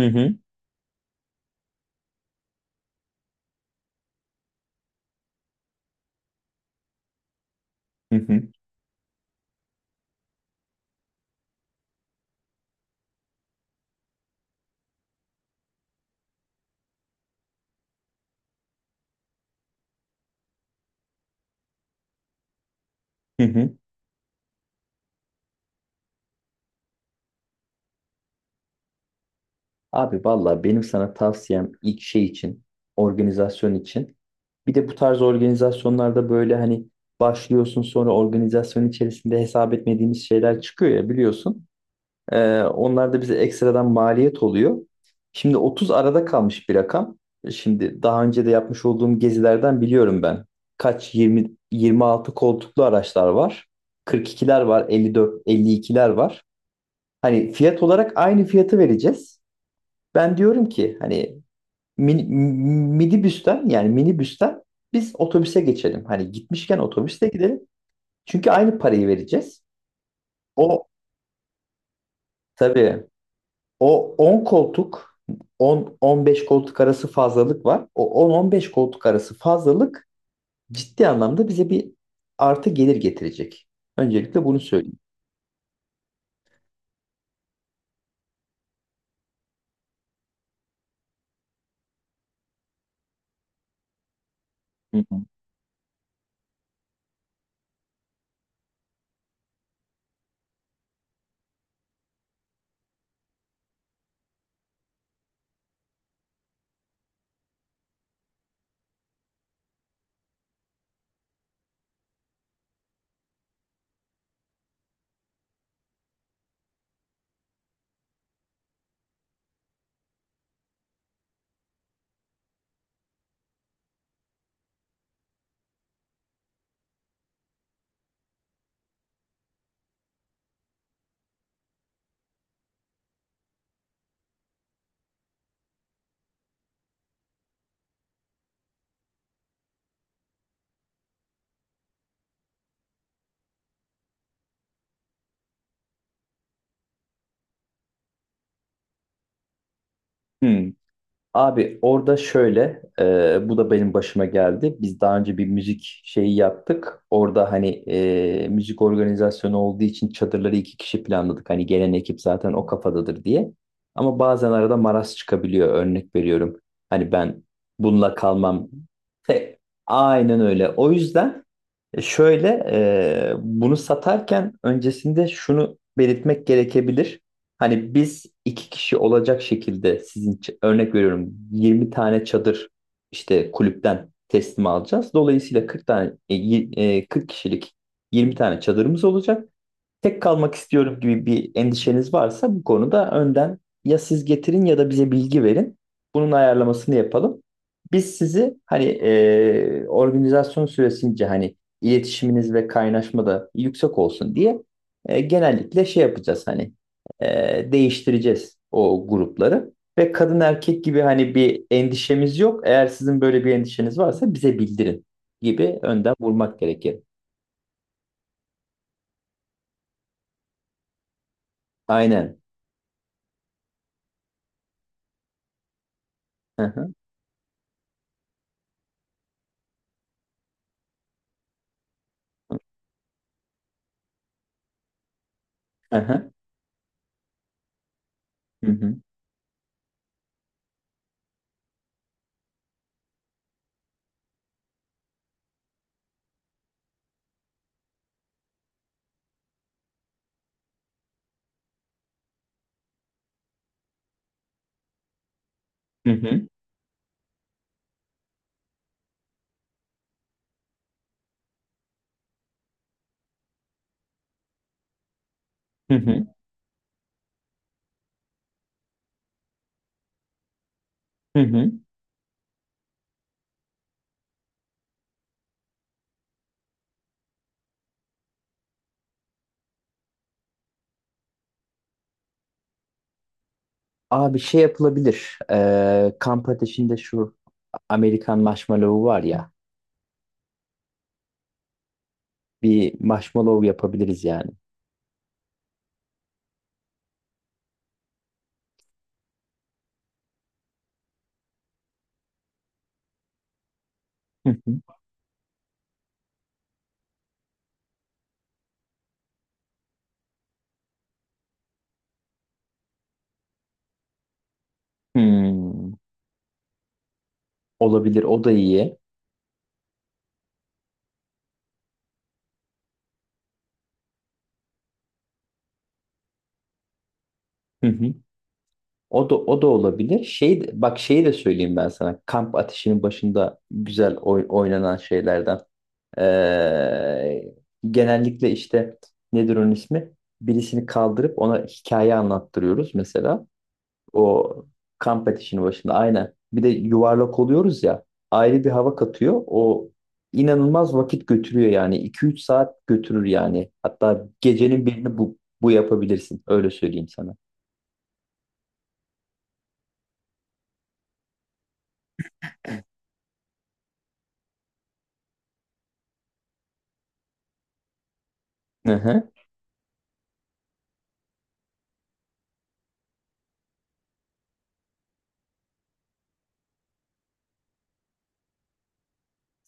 Hı hı, hı hı, hı hı. Abi valla benim sana tavsiyem ilk şey için, organizasyon için. Bir de bu tarz organizasyonlarda böyle hani başlıyorsun, sonra organizasyon içerisinde hesap etmediğimiz şeyler çıkıyor ya, biliyorsun. Onlar da bize ekstradan maliyet oluyor. Şimdi 30 arada kalmış bir rakam. Şimdi daha önce de yapmış olduğum gezilerden biliyorum ben. Kaç, 20, 26 koltuklu araçlar var. 42'ler var, 54, 52'ler var. Hani fiyat olarak aynı fiyatı vereceğiz. Ben diyorum ki, hani, mini, minibüsten, yani minibüsten biz otobüse geçelim. Hani gitmişken otobüste gidelim. Çünkü aynı parayı vereceğiz. O tabii. o 10 koltuk 10-15 koltuk arası fazlalık var. O 10-15 koltuk arası fazlalık ciddi anlamda bize bir artı gelir getirecek. Öncelikle bunu söyleyeyim. Hı hı. Hı. Abi orada şöyle, bu da benim başıma geldi. Biz daha önce bir müzik şeyi yaptık. Orada hani, müzik organizasyonu olduğu için çadırları iki kişi planladık. Hani gelen ekip zaten o kafadadır diye. Ama bazen arada maraz çıkabiliyor. Örnek veriyorum. Hani, ben bununla kalmam. Aynen öyle. O yüzden. Şöyle, bunu satarken öncesinde şunu belirtmek gerekebilir. Hani biz iki kişi olacak şekilde sizin örnek veriyorum, 20 tane çadır işte kulüpten teslim alacağız. Dolayısıyla 40 tane, 40 kişilik 20 tane çadırımız olacak. Tek kalmak istiyorum gibi bir endişeniz varsa bu konuda önden ya siz getirin ya da bize bilgi verin. Bunun ayarlamasını yapalım. Biz sizi hani, organizasyon süresince hani iletişiminiz ve kaynaşma da yüksek olsun diye, genellikle şey yapacağız, hani, değiştireceğiz o grupları. Ve kadın erkek gibi hani bir endişemiz yok. Eğer sizin böyle bir endişeniz varsa bize bildirin gibi önden vurmak gerekir. Aynen. Hı hı. Hı hı. Hı hı. Hı hı, hı hı, hı hı. Abi şey yapılabilir. Kamp ateşinde şu Amerikan marshmallow var ya. Bir marshmallow yapabiliriz yani. Hı hı. Hmm, olabilir. O da iyi. Hı hı. O da o da olabilir. Şey, bak, şeyi de söyleyeyim ben sana. Kamp ateşinin başında güzel oynanan şeylerden. Ee, Genellikle işte, nedir onun ismi? Birisini kaldırıp ona hikaye anlattırıyoruz mesela. O kamp ateşinin başında aynen. Bir de yuvarlak oluyoruz ya. Ayrı bir hava katıyor. O inanılmaz vakit götürüyor yani. 2 3 saat götürür yani. Hatta gecenin birini bu yapabilirsin. Öyle söyleyeyim sana. Hı hı.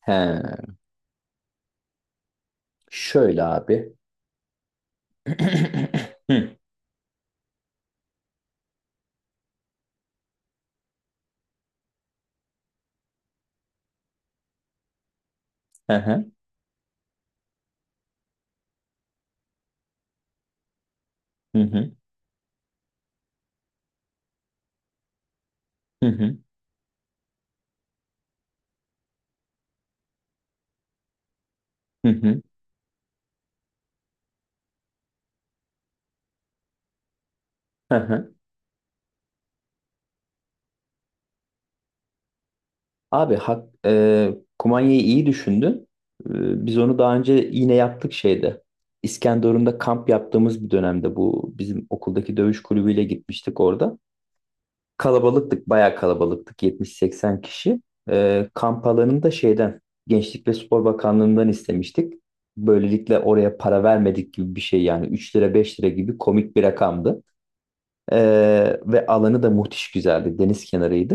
He. Şöyle abi. Hı hı. Hı hı. Hı hı. Hı hı. Hı hı. Abi, kumanyayı iyi düşündün. Biz onu daha önce yine yaptık şeyde. İskenderun'da kamp yaptığımız bir dönemde bu bizim okuldaki dövüş kulübüyle gitmiştik orada. Kalabalıktık, bayağı kalabalıktık. 70-80 kişi. Kamp alanını da şeyden, Gençlik ve Spor Bakanlığı'ndan istemiştik. Böylelikle oraya para vermedik gibi bir şey, yani 3 lira 5 lira gibi komik bir rakamdı. E, Ve alanı da muhtiş güzeldi. Deniz kenarıydı.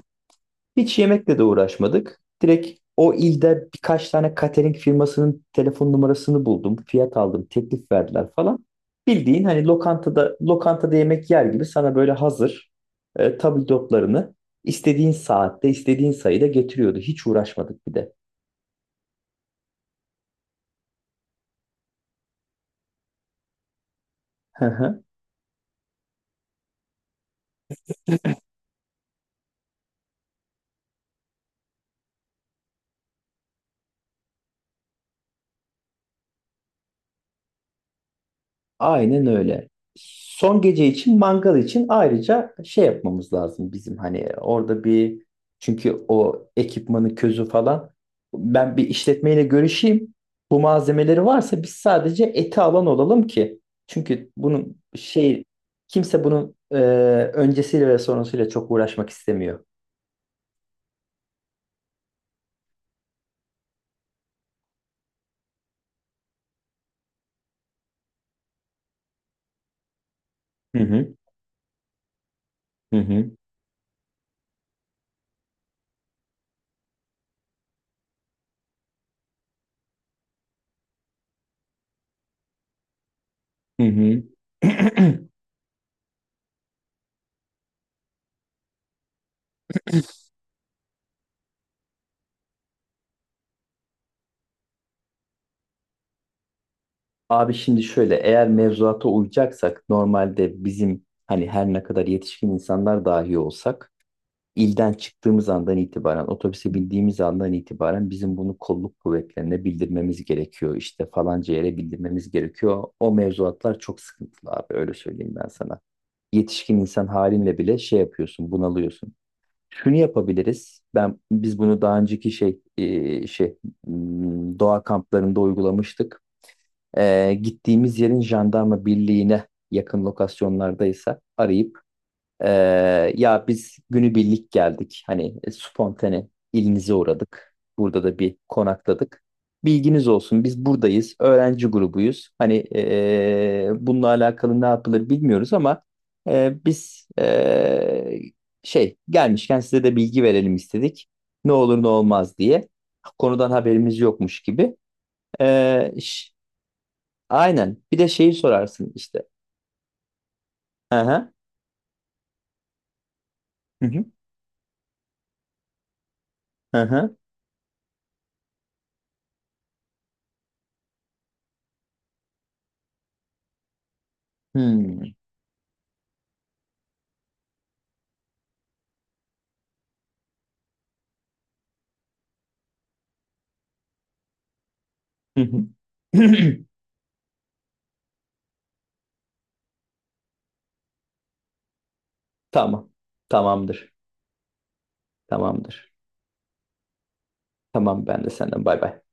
Hiç yemekle de uğraşmadık. Direkt o ilde birkaç tane catering firmasının telefon numarasını buldum. Fiyat aldım, teklif verdiler falan. Bildiğin hani lokantada yemek yer gibi, sana böyle hazır, tabldotlarını istediğin saatte, istediğin sayıda getiriyordu. Hiç uğraşmadık bir de. Aynen öyle. Son gece için mangal için ayrıca şey yapmamız lazım bizim, hani orada bir, çünkü o ekipmanı, közü falan, ben bir işletmeyle görüşeyim. Bu malzemeleri varsa biz sadece eti alan olalım ki. Çünkü bunun şey, kimse bunun, öncesiyle ve sonrasıyla çok uğraşmak istemiyor. Hı hı, hı hı, hı. Hı. Abi şimdi şöyle, eğer mevzuata uyacaksak normalde bizim hani her ne kadar yetişkin insanlar dahi olsak, ilden çıktığımız andan itibaren, otobüse bindiğimiz andan itibaren bizim bunu kolluk kuvvetlerine bildirmemiz gerekiyor. İşte falanca yere bildirmemiz gerekiyor. O mevzuatlar çok sıkıntılı abi, öyle söyleyeyim ben sana. Yetişkin insan halinle bile şey yapıyorsun, bunalıyorsun. Şunu yapabiliriz. Ben, biz bunu daha önceki şey, şey, doğa kamplarında uygulamıştık. Gittiğimiz yerin jandarma birliğine yakın lokasyonlardaysa arayıp, ya biz günübirlik geldik. Hani, spontane ilinize uğradık. Burada da bir konakladık. Bilginiz olsun biz buradayız. Öğrenci grubuyuz. Hani, bununla alakalı ne yapılır bilmiyoruz ama biz, şey gelmişken size de bilgi verelim istedik. Ne olur ne olmaz diye. Konudan haberimiz yokmuş gibi. Ee, Aynen. Bir de şeyi sorarsın işte. Hı hı. Hı hı. Hı hı. Hmm. Hı hı. Tamam. Tamamdır. Tamamdır. Tamam, ben de senden. Bay bay.